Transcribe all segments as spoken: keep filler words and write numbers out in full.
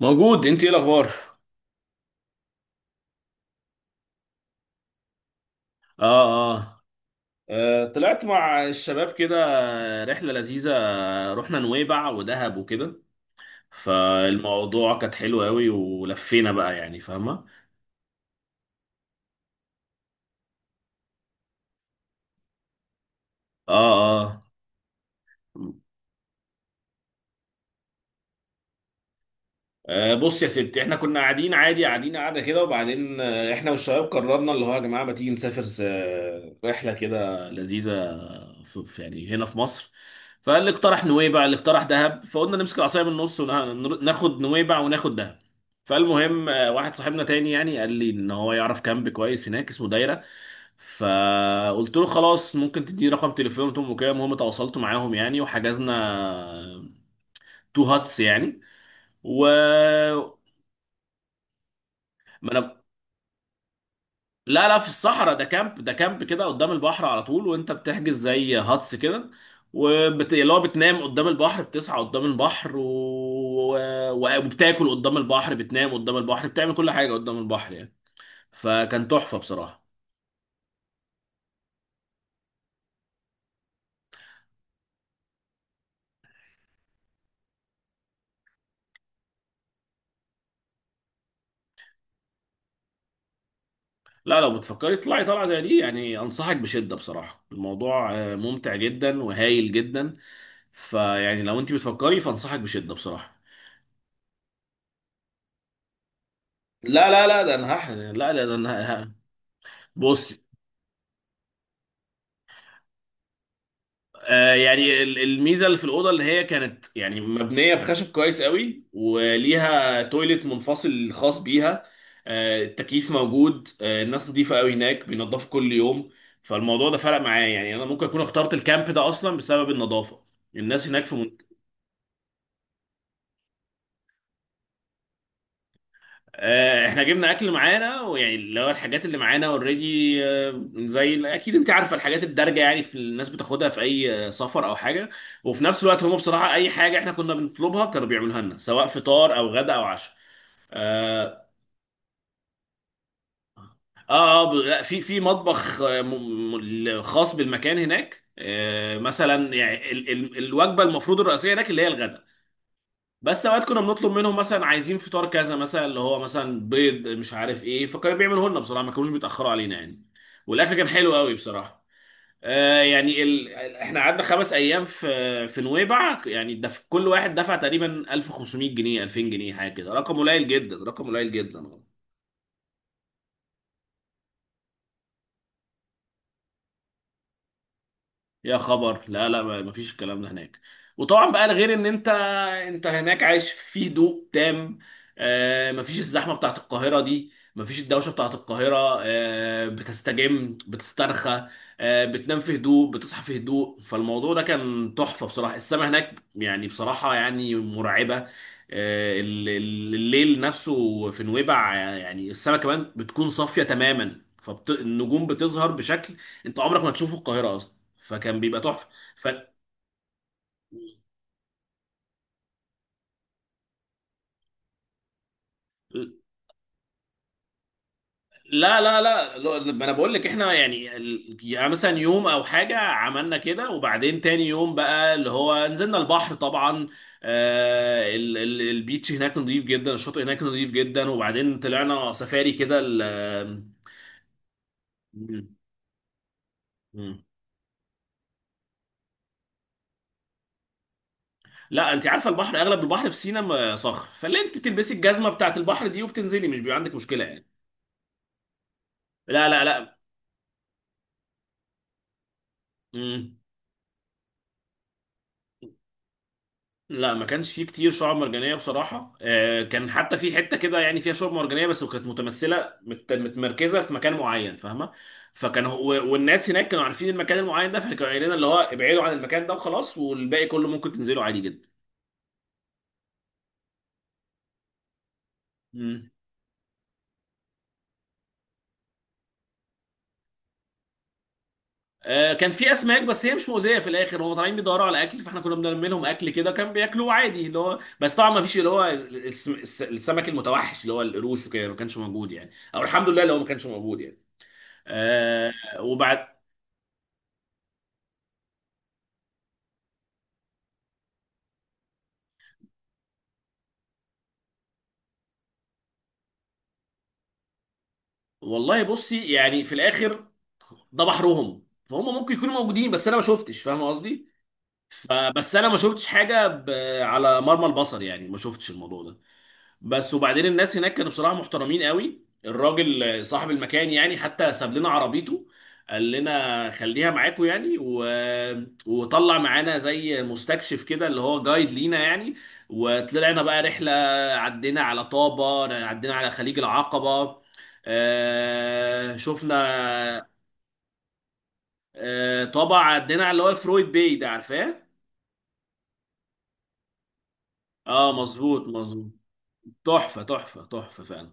موجود، انت ايه الاخبار؟ اه، اه. آه، طلعت مع الشباب كده. رحله لذيذه. رحنا نويبع ودهب وكده. فالموضوع كانت حلوه قوي ولفينا بقى يعني فاهمه. اه، اه. آه، بص يا ستي، احنا كنا قاعدين عادي قاعدين قاعده كده وبعدين آه، احنا والشباب قررنا اللي هو يا جماعه ما تيجي نسافر س- رحله كده لذيذه في في- يعني هنا في مصر. فاللي اقترح نويبع اللي اقترح دهب، فقلنا نمسك العصايه من النص وناخد نويبع وناخد دهب. فالمهم آه، واحد صاحبنا تاني يعني قال لي ان هو يعرف كامب كويس هناك اسمه دايره. فقلت له خلاص ممكن تديني رقم تليفونهم وكده. المهم تواصلت معاهم يعني وحجزنا تو هاتس يعني و... ما انا لا لا، في الصحراء. ده كامب، ده كامب كده قدام البحر على طول. وانت بتحجز زي هاتس كده وبت... اللي هو بتنام قدام البحر، بتسعى قدام البحر و... و... وبتاكل قدام البحر، بتنام قدام البحر، بتعمل كل حاجة قدام البحر يعني. فكان تحفة بصراحة. لا، لو بتفكري تطلعي طلعة زي دي يعني أنصحك بشدة بصراحة. الموضوع آه، ممتع جدا وهايل جدا. فيعني لو انت بتفكري فأنصحك بشدة بصراحة. لا لا لا، ده انا هح... لا لا، ده انا ه- بص. آه، يعني ال- الميزه اللي في الاوضه اللي هي كانت يعني مبنيه بخشب كويس قوي وليها تويلت منفصل خاص بيها. آه، التكييف موجود. آه، الناس نظيفه قوي هناك، بينضفوا كل يوم. فالموضوع ده فرق معايا يعني، انا ممكن اكون اخترت الكامب ده اصلا بسبب النظافه. الناس هناك في. آه، احنا جبنا اكل معانا ويعني اللي هو الحاجات اللي معانا اوريدي، زي ال- اكيد انت عارفه الحاجات الدارجه يعني في الناس بتاخدها في اي آه، سفر او حاجه. وفي نفس الوقت هم بصراحه اي حاجه احنا كنا بنطلبها كانوا بيعملوها لنا، سواء فطار او غدا او عشاء. اه. اه آه، ب- لا، في في مطبخ. آه، م- م- خاص بالمكان هناك. آه، مثلا يعني ال- ال- الوجبه المفروض الرئيسيه هناك اللي هي الغدا. بس اوقات كنا بنطلب منهم مثلا عايزين فطار كذا، مثلا اللي هو مثلا بيض مش عارف ايه، فكانوا بيعملوه لنا بصراحه، ما كانوش بيتاخروا علينا يعني. والاكل كان حلو قوي بصراحه. آه يعني ال... احنا قعدنا خمس ايام في في نويبع يعني دف... كل واحد دفع تقريبا ألف وخمسمية جنيه ألفين جنيه حاجه كده. رقم قليل جدا، رقم قليل جدا. يا خبر. لا لا، ما فيش الكلام ده هناك. وطبعا بقى غير ان انت انت هناك عايش في هدوء تام. آه ما فيش الزحمه بتاعت القاهره دي، ما فيش الدوشه بتاعت القاهره. آه بتستجم، بتسترخى. آه بتنام في هدوء، بتصحى في هدوء. فالموضوع ده كان تحفه بصراحه. السما هناك يعني بصراحه يعني مرعبه. آه ال- ال- الليل نفسه في نويبع يعني السما كمان بتكون صافيه تماما. فالنجوم بتظهر بشكل انت عمرك ما تشوفه في القاهره اصلا. فكان بيبقى تحفه. ف... لا لا لا لا، ما انا بقول لك احنا يعني ال- يعني مثلا يوم او حاجه عملنا كده، وبعدين تاني يوم بقى اللي هو نزلنا البحر طبعا. آه ال- ال- البيتش هناك نظيف جدا، الشاطئ هناك نظيف جدا. وبعدين طلعنا سفاري كده ال- آم، مم. لا، انت عارفه البحر اغلب البحر في سينا م- صخر. فاللي انت بتلبسي الجزمه بتاعت البحر دي وبتنزلي، مش بيبقى عندك مشكله يعني. لا لا لا. مم. لا، ما كانش فيه كتير شعاب مرجانيه بصراحه. آه، كان حتى في حته كده يعني فيها شعاب مرجانيه، بس كانت متمثله مت- متمركزه في مكان معين، فاهمه؟ فكان هو والناس هناك كانوا عارفين المكان المعين ده، فكانوا قايلين لنا اللي هو ابعدوا عن المكان ده وخلاص، والباقي كله ممكن تنزلوا عادي جدا. مم. آه، كان في اسماك، بس هي مش مؤذيه في الاخر. هم طالعين بيدوروا على اكل، فاحنا كنا بنرمي لهم اكل كده كان بياكلوه عادي. اللي هو بس طبعا ما فيش اللي هو الس- الس- السمك المتوحش اللي هو القروش وكده، ما كانش موجود يعني، او الحمد لله اللي هو ما كانش موجود يعني. آه، وبعد والله بصي يعني في الاخر ده بحرهم، فهم ممكن يكونوا موجودين بس انا ما شفتش، فاهم قصدي؟ فبس انا ما شفتش حاجه ب... على مرمى البصر يعني. ما شفتش الموضوع ده. بس وبعدين الناس هناك كانوا بصراحة محترمين قوي. الراجل آه، صاحب المكان يعني حتى ساب لنا عربيته، قال لنا خليها معاكم يعني و... وطلع معانا زي مستكشف كده اللي هو جايد لينا يعني. وطلعنا بقى رحلة، عدينا على طابة، عدينا على خليج العقبة. آه... شفنا آه... طابة عدينا على اللي هو الفرويد باي ده، عارفاه؟ اه مظبوط، مظبوط. تحفة تحفة تحفة فعلا.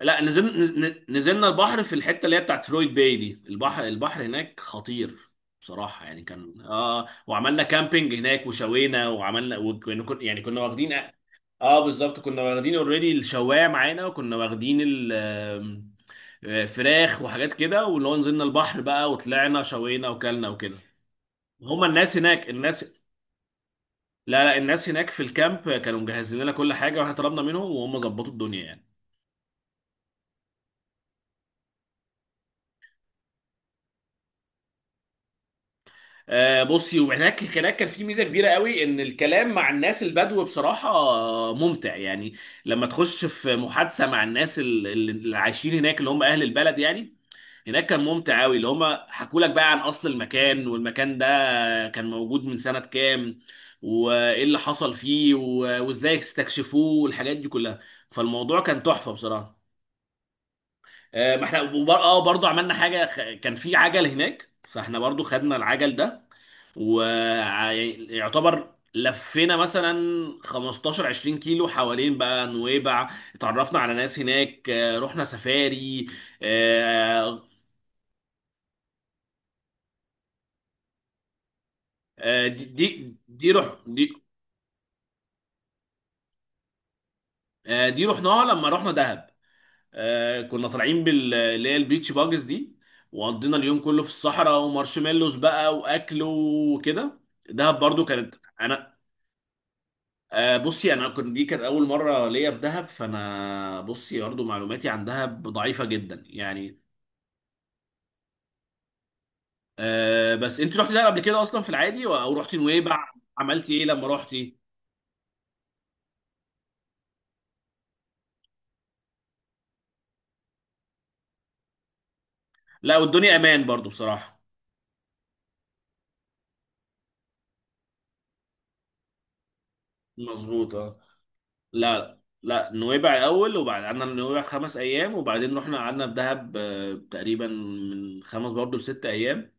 لا نزلنا، نزلنا البحر في الحته اللي هي بتاعت فلويد باي دي. البحر البحر هناك خطير بصراحه يعني. كان اه، وعملنا كامبينج هناك وشوينا وعملنا وكنا كن- يعني كنا واخدين. اه بالظبط، كنا واخدين اوريدي الشوايه معانا، وكنا واخدين ال آم، آه، فراخ وحاجات كده. واللي هو نزلنا البحر بقى وطلعنا شوينا وكلنا وكده. هما الناس هناك الناس لا لا، الناس هناك في الكامب كانوا مجهزين لنا كل حاجه، واحنا طلبنا منهم وهم ظبطوا الدنيا يعني. آه، بصي، وهناك هناك كان في ميزه كبيره قوي ان الكلام مع الناس البدو بصراحه آه، ممتع يعني. لما تخش في محادثه مع الناس ال- ال- اللي عايشين هناك اللي هم اهل البلد يعني. هناك كان ممتع قوي. اللي هم حكوا لك بقى عن اصل المكان، والمكان ده آه، كان موجود من سنه كام، وايه اللي حصل فيه و- وازاي استكشفوه، والحاجات دي كلها. فالموضوع كان تحفه بصراحه. آه، ما احنا وبر- اه برضه عملنا حاجه، خ- كان في عجل هناك، فاحنا برضه خدنا العجل ده ويعتبر لفينا مثلا خمستاشر 20 كيلو حوالين بقى نويبع. اتعرفنا على ناس هناك، آه، رحنا سفاري. آه، آه، دي دي دي رح دي آه، دي رحناها لما رحنا دهب. آه، كنا طالعين بال، اللي هي البيتش باجز دي. وقضينا اليوم كله في الصحراء، ومارشميلوز بقى واكل وكده. دهب برضو كانت انا. آه، بصي، انا كنت، دي كانت اول مره ليا في دهب، فانا بصي برضه معلوماتي عن دهب ضعيفه جدا يعني. أه، بس انت رحتي دهب قبل كده اصلا في العادي و- او رحتي نويبع؟ عملتي ايه لما رحتي؟ لا، والدنيا امان برضه بصراحه. مظبوط اه. لا لا لا، نويبع الاول. وبعد قعدنا في نويبع خمس ايام، وبعدين رحنا قعدنا في دهب آه، تقريبا من خمس برضه لست ايام.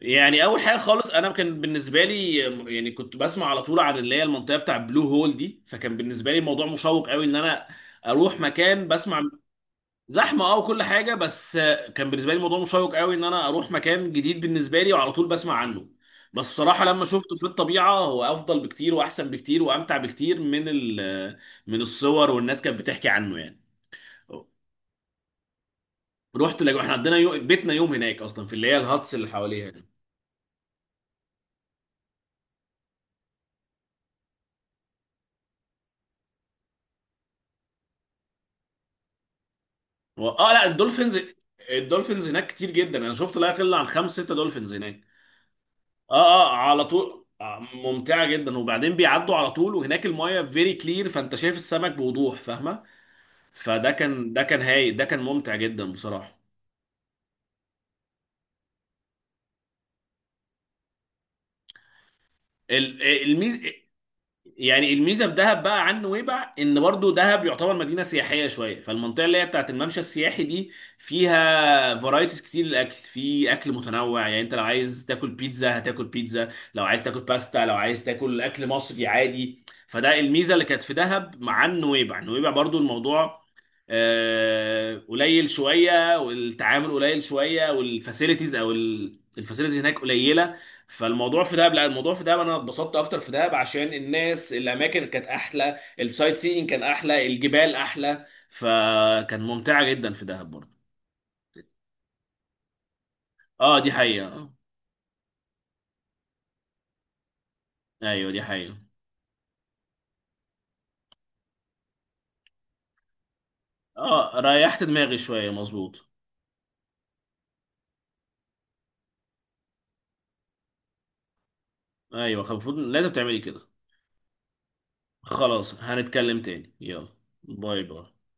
يعني اول حاجه خالص انا كان بالنسبه لي، يعني كنت بسمع على طول عن اللي هي المنطقه بتاع بلو هول دي. فكان بالنسبه لي الموضوع مشوق قوي ان انا اروح مكان بسمع. زحمه، اه، وكل حاجه. بس كان بالنسبه لي الموضوع مشوق قوي ان انا اروح مكان جديد بالنسبه لي، وعلى طول بسمع عنه. بس بصراحه لما شفته في الطبيعه، هو افضل بكتير واحسن بكتير وامتع بكتير من ال- من الصور والناس كانت بتحكي عنه يعني. رحت لج- احنا عندنا يو... بيتنا يوم هناك اصلا في اللي هي الهاتس اللي حواليها. و- اه لا، الدولفينز. الدولفينز هناك كتير جدا. انا شفت لا يقل عن خمس ست دولفينز هناك. اه، اه، على طول آه، ممتعه جدا. وبعدين بيعدوا على طول، وهناك المايه فيري كلير، فانت شايف السمك بوضوح، فاهمه؟ فده كان، ده كان هاي، ده كان ممتع جدا بصراحه. الميز يعني الميزه في دهب بقى عن نويبع، ان برضو دهب يعتبر مدينه سياحيه شويه. فالمنطقه اللي هي بتاعت الممشى السياحي دي فيها فرايتيز كتير للاكل، في اكل متنوع يعني. انت لو عايز تاكل بيتزا، هتاكل بيتزا، لو عايز تاكل باستا، لو عايز تاكل اكل مصري عادي. فده الميزه اللي كانت في دهب مع نويبع. نويبع برضو الموضوع آه، قليل شويه، والتعامل قليل شويه، والفاسيلتيز او الفاسيلتيز هناك قليله. فالموضوع في دهب، لا الموضوع في دهب انا اتبسطت اكتر في دهب عشان الناس، الاماكن كانت احلى، السايت سينج كان احلى، الجبال احلى، فكان ممتعه جدا في دهب برضه. اه دي حقيقه. آه، ايوه دي حقيقه. اه، ريحت دماغي شويه، مظبوط. ايوه، المفروض لازم تعملي كده. خلاص، هنتكلم تاني. يلا، باي باي.